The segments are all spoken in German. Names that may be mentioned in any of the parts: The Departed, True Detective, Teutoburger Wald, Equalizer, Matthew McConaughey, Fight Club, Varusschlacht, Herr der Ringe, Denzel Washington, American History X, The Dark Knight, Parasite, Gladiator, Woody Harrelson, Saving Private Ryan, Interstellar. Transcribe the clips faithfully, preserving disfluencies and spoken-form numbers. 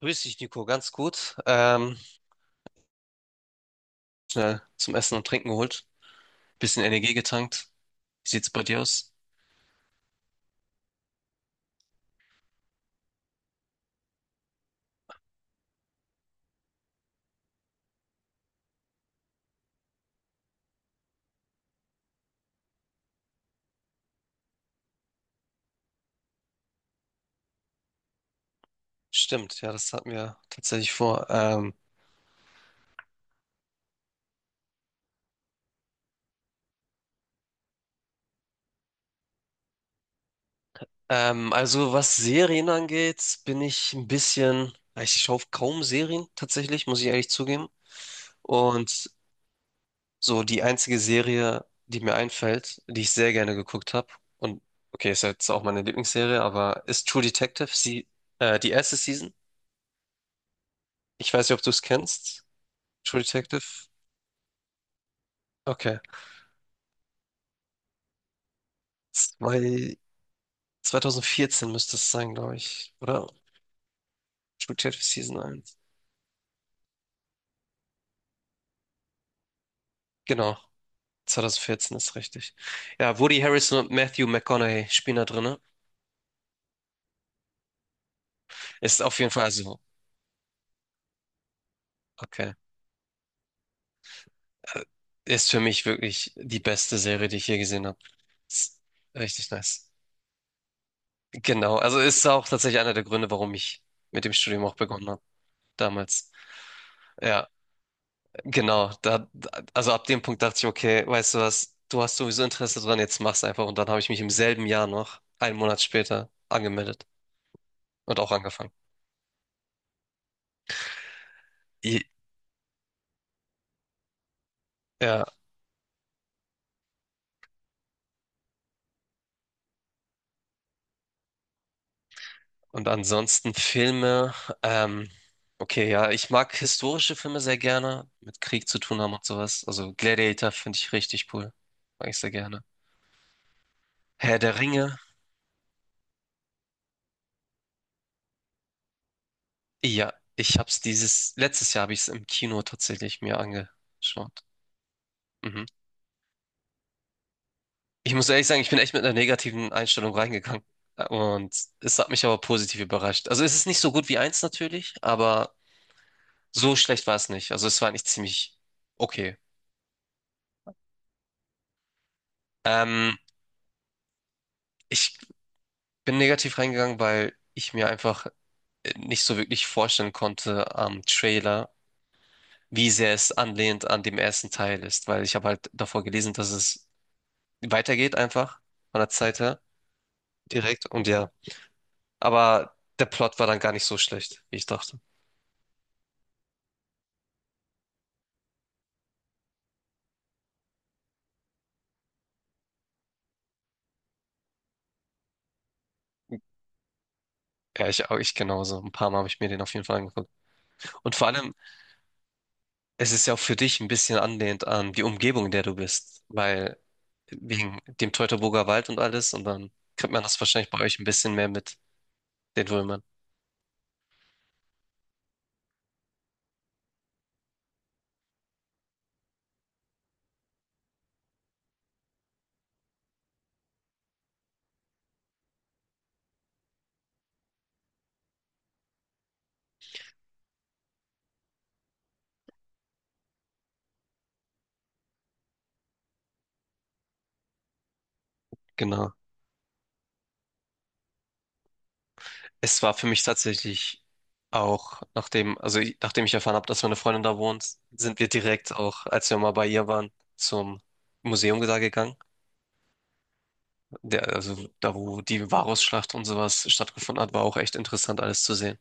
Grüß dich, Nico. Ganz gut. Ähm, schnell zum Essen und Trinken geholt. Bisschen Energie getankt. Wie sieht's bei dir aus? Stimmt, ja, das hatten wir tatsächlich vor. Ähm, ähm, also was Serien angeht, bin ich ein bisschen, ja, ich schaue kaum Serien tatsächlich, muss ich ehrlich zugeben. Und so die einzige Serie, die mir einfällt, die ich sehr gerne geguckt habe, und okay, ist ja jetzt auch meine Lieblingsserie, aber ist True Detective, sie, äh, die erste Season. Ich weiß nicht, ob du es kennst. True Detective. Okay. Zwei, zwanzig vierzehn müsste es sein, glaube ich. Oder? Studiert für Season eins. Genau, zwanzig vierzehn ist richtig. Ja, Woody Harrelson und Matthew McConaughey spielen da drin. Ist auf jeden Fall, also, okay. Äh, Ist für mich wirklich die beste Serie, die ich je gesehen habe. Ist richtig nice. Genau, also ist auch tatsächlich einer der Gründe, warum ich mit dem Studium auch begonnen habe, damals. Ja. Genau, da, also ab dem Punkt dachte ich, okay, weißt du was, du hast sowieso Interesse dran, jetzt mach's einfach. Und dann habe ich mich im selben Jahr noch, einen Monat später, angemeldet und auch angefangen. I- Ja, und ansonsten Filme, ähm, okay, ja, ich mag historische Filme sehr gerne, mit Krieg zu tun haben und sowas. Also Gladiator finde ich richtig cool, mag ich sehr gerne. Herr der Ringe, ja, ich hab's dieses, letztes Jahr habe ich es im Kino tatsächlich mir angeschaut. Mhm. Ich muss ehrlich sagen, ich bin echt mit einer negativen Einstellung reingegangen. Und es hat mich aber positiv überrascht. Also es ist nicht so gut wie eins natürlich, aber so schlecht war es nicht. Also es war eigentlich ziemlich okay. Ähm, Ich bin negativ reingegangen, weil ich mir einfach nicht so wirklich vorstellen konnte am Trailer, wie sehr es anlehnt an dem ersten Teil ist. Weil ich habe halt davor gelesen, dass es weitergeht einfach von der Zeit her direkt. Und ja, aber der Plot war dann gar nicht so schlecht, wie ich dachte. Ja, ich, auch- ich genauso. Ein paar Mal habe ich mir den auf jeden Fall angeguckt. Und vor allem, es ist ja auch für dich ein bisschen anlehnt an die Umgebung, in der du bist. Weil wegen dem Teutoburger Wald und alles. Und dann kriegt man das wahrscheinlich bei euch ein bisschen mehr mit den Römern. Genau. Es war für mich tatsächlich auch, nachdem, also ich- nachdem ich erfahren habe, dass meine Freundin da wohnt, sind wir direkt auch, als wir mal bei ihr waren, zum Museum da gegangen. Der, also da, wo die Varusschlacht und sowas stattgefunden hat, war auch echt interessant, alles zu sehen.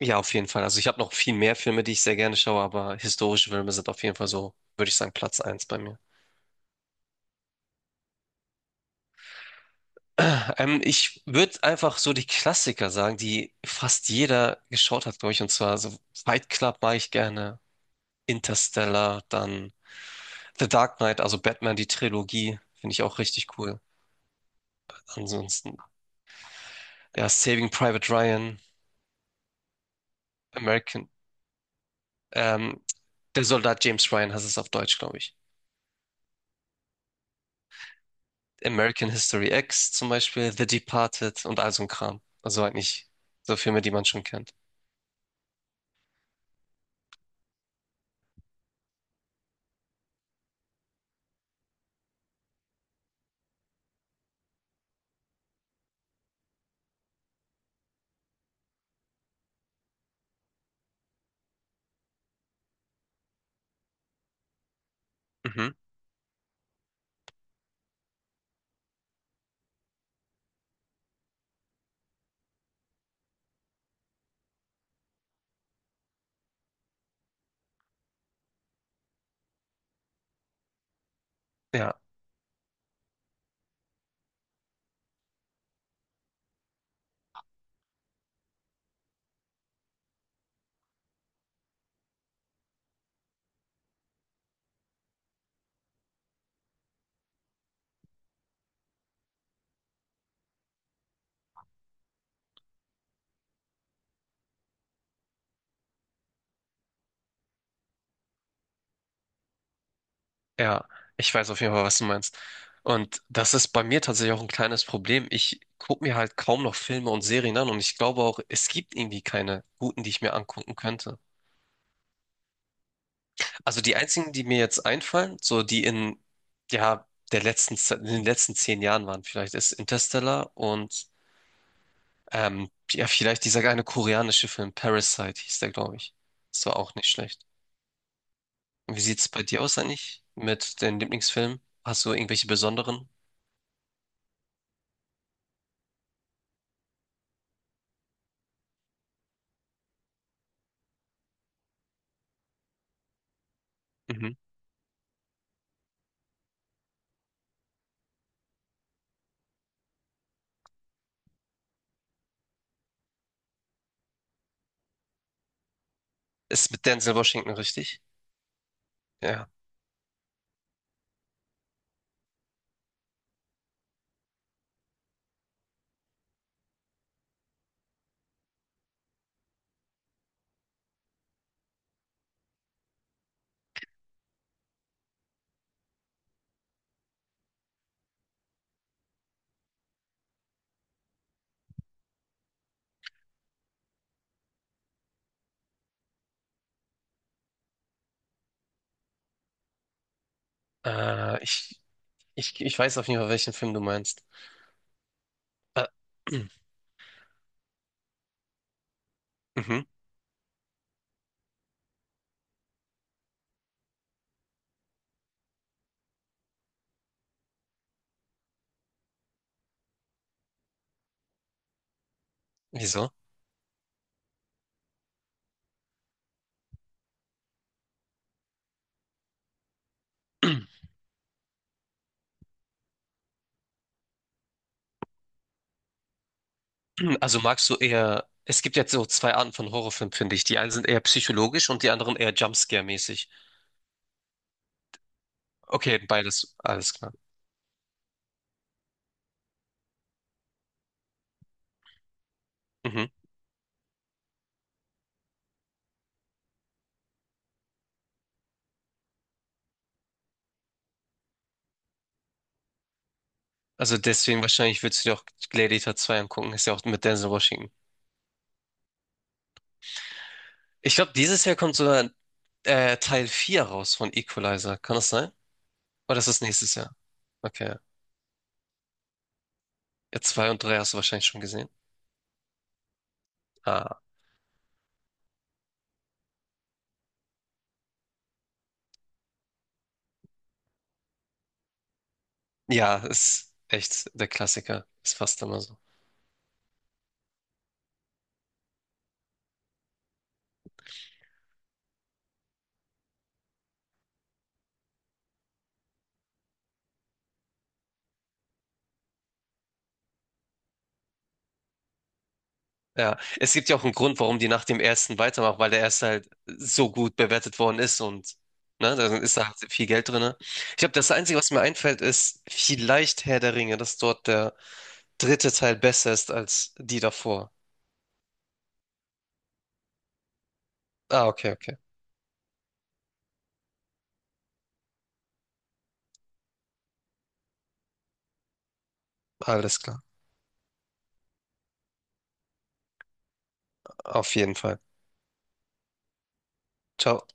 Ja, auf jeden Fall. Also ich habe noch viel mehr Filme, die ich sehr gerne schaue, aber historische Filme sind auf jeden Fall so, würde ich sagen, Platz eins bei mir. Ähm, ich würde einfach so die Klassiker sagen, die fast jeder geschaut hat, glaube ich. Und zwar so Fight Club mag ich gerne, Interstellar, dann The Dark Knight, also Batman, die Trilogie, finde ich auch richtig cool. Ansonsten, ja, Saving Private Ryan, American, ähm, der Soldat James Ryan heißt es auf Deutsch, glaube ich. American History X zum Beispiel, The Departed und all so ein Kram. Also eigentlich so Filme, die man schon kennt. Mhm. Ja. Ja, ich weiß auf jeden Fall, was du meinst. Und das ist bei mir tatsächlich auch ein kleines Problem. Ich gucke mir halt kaum noch Filme und Serien an und ich glaube auch, es gibt irgendwie keine guten, die ich mir angucken könnte. Also die einzigen, die mir jetzt einfallen, so die in, ja, der letzten, Ze- in den letzten zehn Jahren waren, vielleicht ist Interstellar und ähm, ja, vielleicht dieser eine koreanische Film, Parasite hieß der, glaube ich. Das war auch nicht schlecht. Und wie sieht's bei dir aus eigentlich mit den Lieblingsfilmen? Hast du irgendwelche besonderen? Ist mit Denzel Washington richtig? Ja. Äh, ich, ich, ich weiß auf jeden Fall, welchen Film du meinst. Äh, mhm. Wieso? Also magst du eher, es gibt jetzt so zwei Arten von Horrorfilmen, finde ich. Die einen sind eher psychologisch und die anderen eher Jumpscare-mäßig. Okay, beides, alles klar. Mhm. Also deswegen wahrscheinlich würdest du dir auch Gladiator zwei angucken, ist ja auch mit Denzel Washington. Ich glaube, dieses Jahr kommt sogar äh, Teil vier raus von Equalizer. Kann das sein? Oder ist das nächstes Jahr? Okay. Ja, zwei und drei hast du wahrscheinlich schon gesehen. Ah. Ja, ist echt der Klassiker. Ist fast immer so. Ja, es gibt ja auch einen Grund, warum die nach dem ersten weitermachen, weil der erste halt so gut bewertet worden ist und ne, da ist da halt viel Geld drin. Ich glaube, das Einzige, was mir einfällt, ist vielleicht Herr der Ringe, dass dort der dritte Teil besser ist als die davor. Ah, okay, okay. Alles klar. Auf jeden Fall. Ciao.